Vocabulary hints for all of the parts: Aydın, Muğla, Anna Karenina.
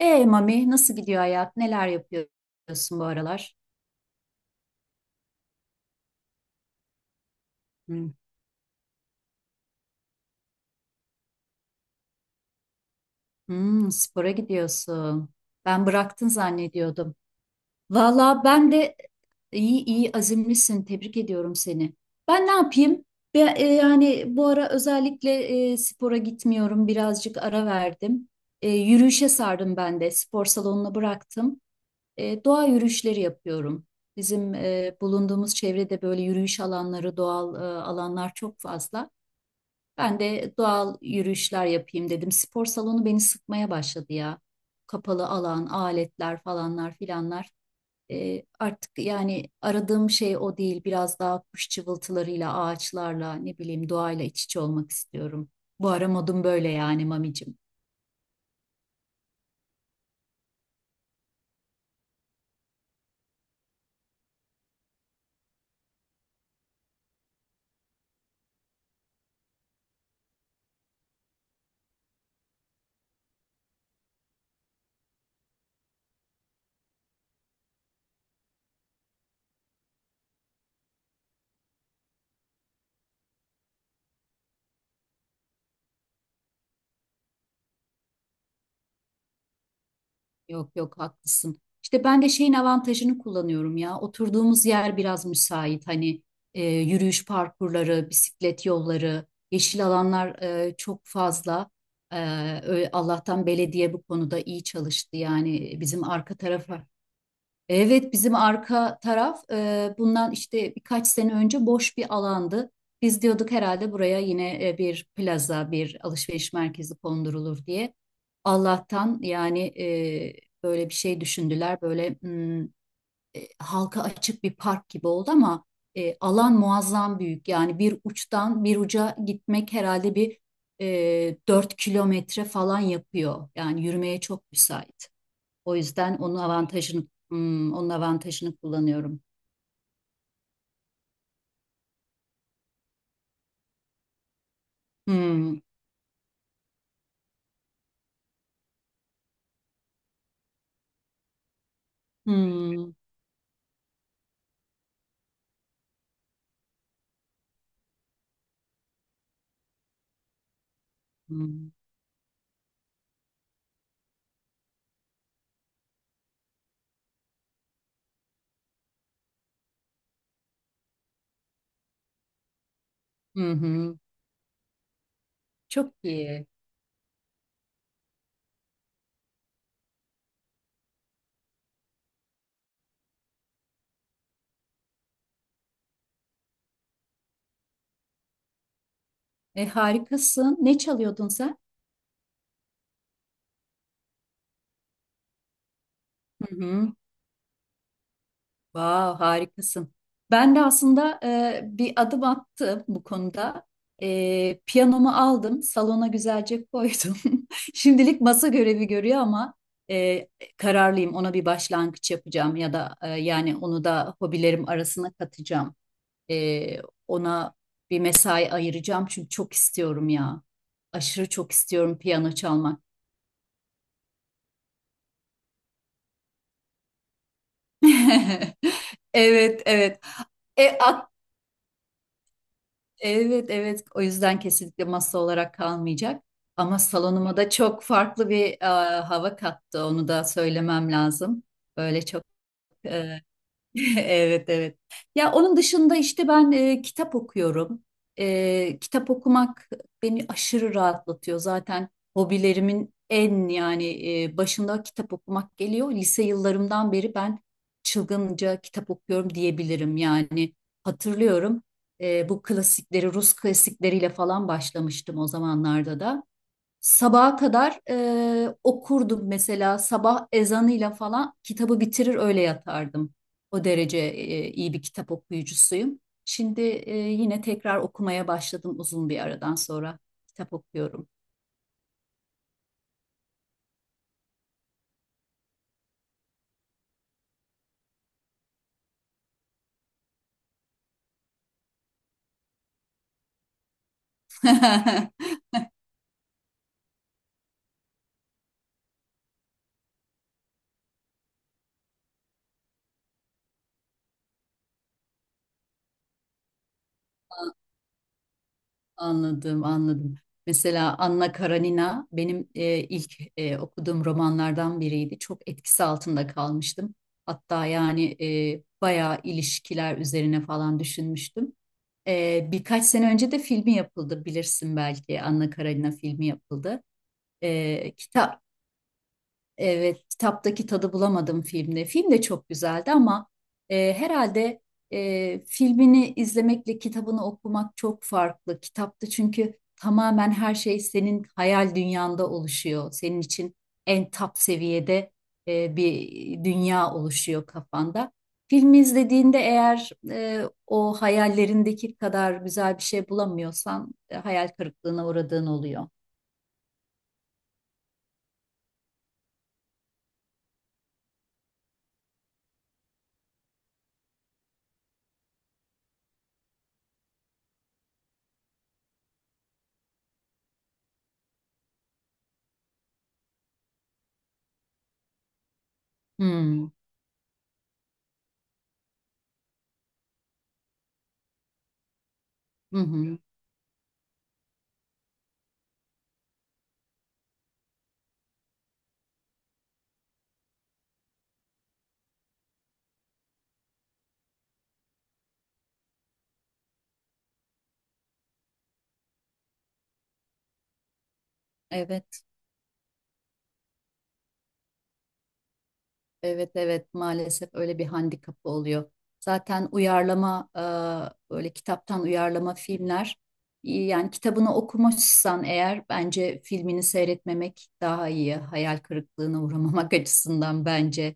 Mami nasıl gidiyor hayat? Neler yapıyorsun bu aralar? Hmm, hmm, spora gidiyorsun. Ben bıraktın zannediyordum. Valla ben de iyi, azimlisin. Tebrik ediyorum seni. Ben ne yapayım? Yani bu ara özellikle spora gitmiyorum. Birazcık ara verdim. Yürüyüşe sardım ben de. Spor salonuna bıraktım. Doğa yürüyüşleri yapıyorum. Bizim bulunduğumuz çevrede böyle yürüyüş alanları, doğal alanlar çok fazla. Ben de doğal yürüyüşler yapayım dedim. Spor salonu beni sıkmaya başladı ya. Kapalı alan, aletler falanlar filanlar. Artık yani aradığım şey o değil. Biraz daha kuş cıvıltılarıyla, ağaçlarla, ne bileyim doğayla iç içe olmak istiyorum. Bu ara modum böyle yani mamicim. Yok yok, haklısın. İşte ben de şeyin avantajını kullanıyorum ya. Oturduğumuz yer biraz müsait. Hani yürüyüş parkurları, bisiklet yolları, yeşil alanlar çok fazla. E, Allah'tan belediye bu konuda iyi çalıştı. Yani bizim arka tarafa. Evet, bizim arka taraf bundan işte birkaç sene önce boş bir alandı. Biz diyorduk herhalde buraya yine bir plaza, bir alışveriş merkezi kondurulur diye. Allah'tan yani böyle bir şey düşündüler. Böyle halka açık bir park gibi oldu ama alan muazzam büyük. Yani bir uçtan bir uca gitmek herhalde 4 kilometre falan yapıyor. Yani yürümeye çok müsait. O yüzden onun avantajını kullanıyorum. Hmm, hmm, hmm, hı hı. Çok iyi. Harikasın. Ne çalıyordun sen? Hı hı. Vav, harikasın. Ben de aslında bir adım attım bu konuda. Piyanomu aldım, salona güzelce koydum. Şimdilik masa görevi görüyor ama e, kararlıyım, ona bir başlangıç yapacağım ya da yani onu da hobilerim arasına katacağım. Ee, Ona bir mesai ayıracağım çünkü çok istiyorum ya. Aşırı çok istiyorum piyano çalmak. Evet, evet. E, ak- evet, evet. O yüzden kesinlikle masa olarak kalmayacak. Ama salonuma da çok farklı bir hava kattı. Onu da söylemem lazım. Böyle çok. Evet, evet. Ya onun dışında işte ben kitap okuyorum. Kitap okumak beni aşırı rahatlatıyor. Zaten hobilerimin en yani başında kitap okumak geliyor. Lise yıllarımdan beri ben çılgınca kitap okuyorum diyebilirim. Yani hatırlıyorum, bu klasikleri Rus klasikleriyle falan başlamıştım o zamanlarda da. Sabaha kadar okurdum mesela, sabah ezanıyla falan kitabı bitirir öyle yatardım. O derece iyi bir kitap okuyucusuyum. Şimdi yine tekrar okumaya başladım, uzun bir aradan sonra kitap okuyorum. Anladım, anladım. Mesela Anna Karenina benim ilk okuduğum romanlardan biriydi. Çok etkisi altında kalmıştım. Hatta yani bayağı ilişkiler üzerine falan düşünmüştüm. Birkaç sene önce de filmi yapıldı, bilirsin belki, Anna Karenina filmi yapıldı. Ee, kita- Evet, kitaptaki tadı bulamadım filmde. Film de çok güzeldi ama herhalde filmini izlemekle kitabını okumak çok farklı. Kitapta çünkü tamamen her şey senin hayal dünyanda oluşuyor. Senin için en top seviyede bir dünya oluşuyor kafanda. Filmi izlediğinde eğer o hayallerindeki kadar güzel bir şey bulamıyorsan hayal kırıklığına uğradığın oluyor. Hmm. Hı hı. Evet. Evet, evet, maalesef öyle bir handikapı oluyor. Zaten uyarlama böyle kitaptan uyarlama filmler iyi. Yani kitabını okumuşsan eğer bence filmini seyretmemek daha iyi. Hayal kırıklığına uğramamak açısından bence.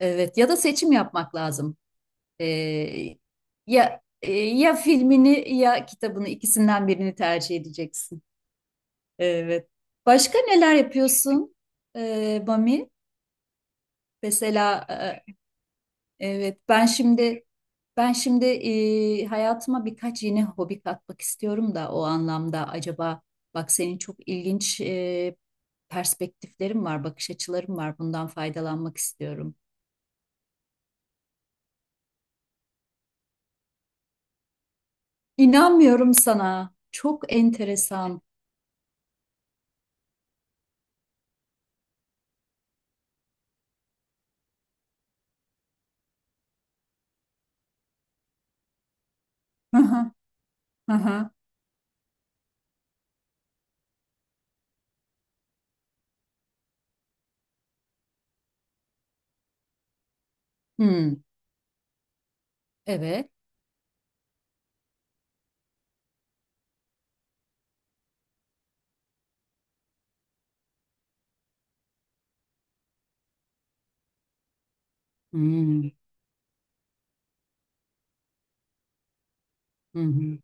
Evet, ya da seçim yapmak lazım. E, ya ya filmini ya kitabını, ikisinden birini tercih edeceksin. Evet. Başka neler yapıyorsun Bami? Mesela evet, ben şimdi hayatıma birkaç yeni hobi katmak istiyorum da o anlamda acaba, bak, senin çok ilginç perspektiflerin var, bakış açıların var. Bundan faydalanmak istiyorum. İnanmıyorum sana. Çok enteresan. Hı hı, hı hı. Hmm, evet. Hmm, hı hı.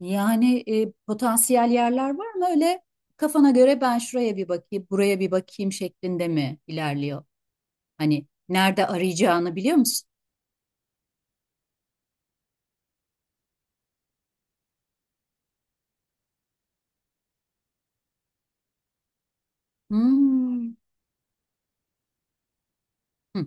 Yani potansiyel yerler var mı öyle? Kafana göre ben şuraya bir bakayım, buraya bir bakayım şeklinde mi ilerliyor? Hani nerede arayacağını biliyor musun? Hmm. Hı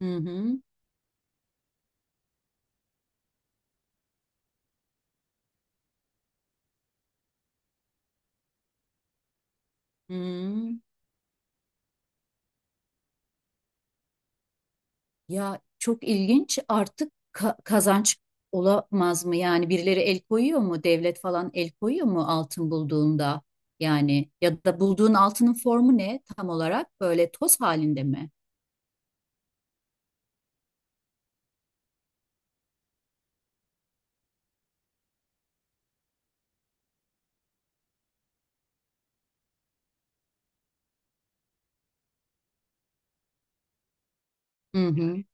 hı. Hı. Hmm. Ya çok ilginç, artık kazanç olamaz mı? Yani birileri el koyuyor mu? Devlet falan el koyuyor mu altın bulduğunda? Yani ya da bulduğun altının formu ne tam olarak? Böyle toz halinde mi? Hı hı.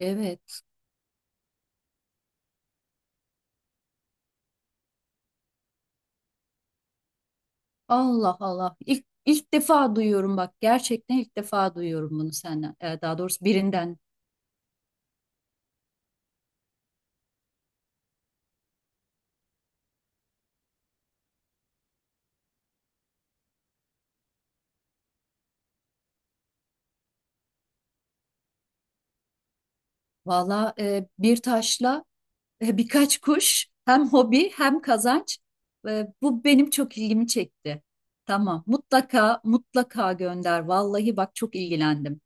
Evet. Allah Allah. İlk defa duyuyorum bak. Gerçekten ilk defa duyuyorum bunu senden. Daha doğrusu birinden. Valla bir taşla birkaç kuş, hem hobi hem kazanç. Bu benim çok ilgimi çekti. Tamam, mutlaka mutlaka gönder. Vallahi bak, çok ilgilendim.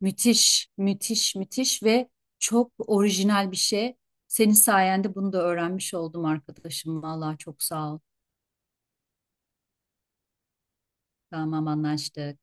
Müthiş, müthiş, müthiş ve çok orijinal bir şey. Senin sayende bunu da öğrenmiş oldum arkadaşım. Vallahi çok sağ ol. Tamam, anlaştık.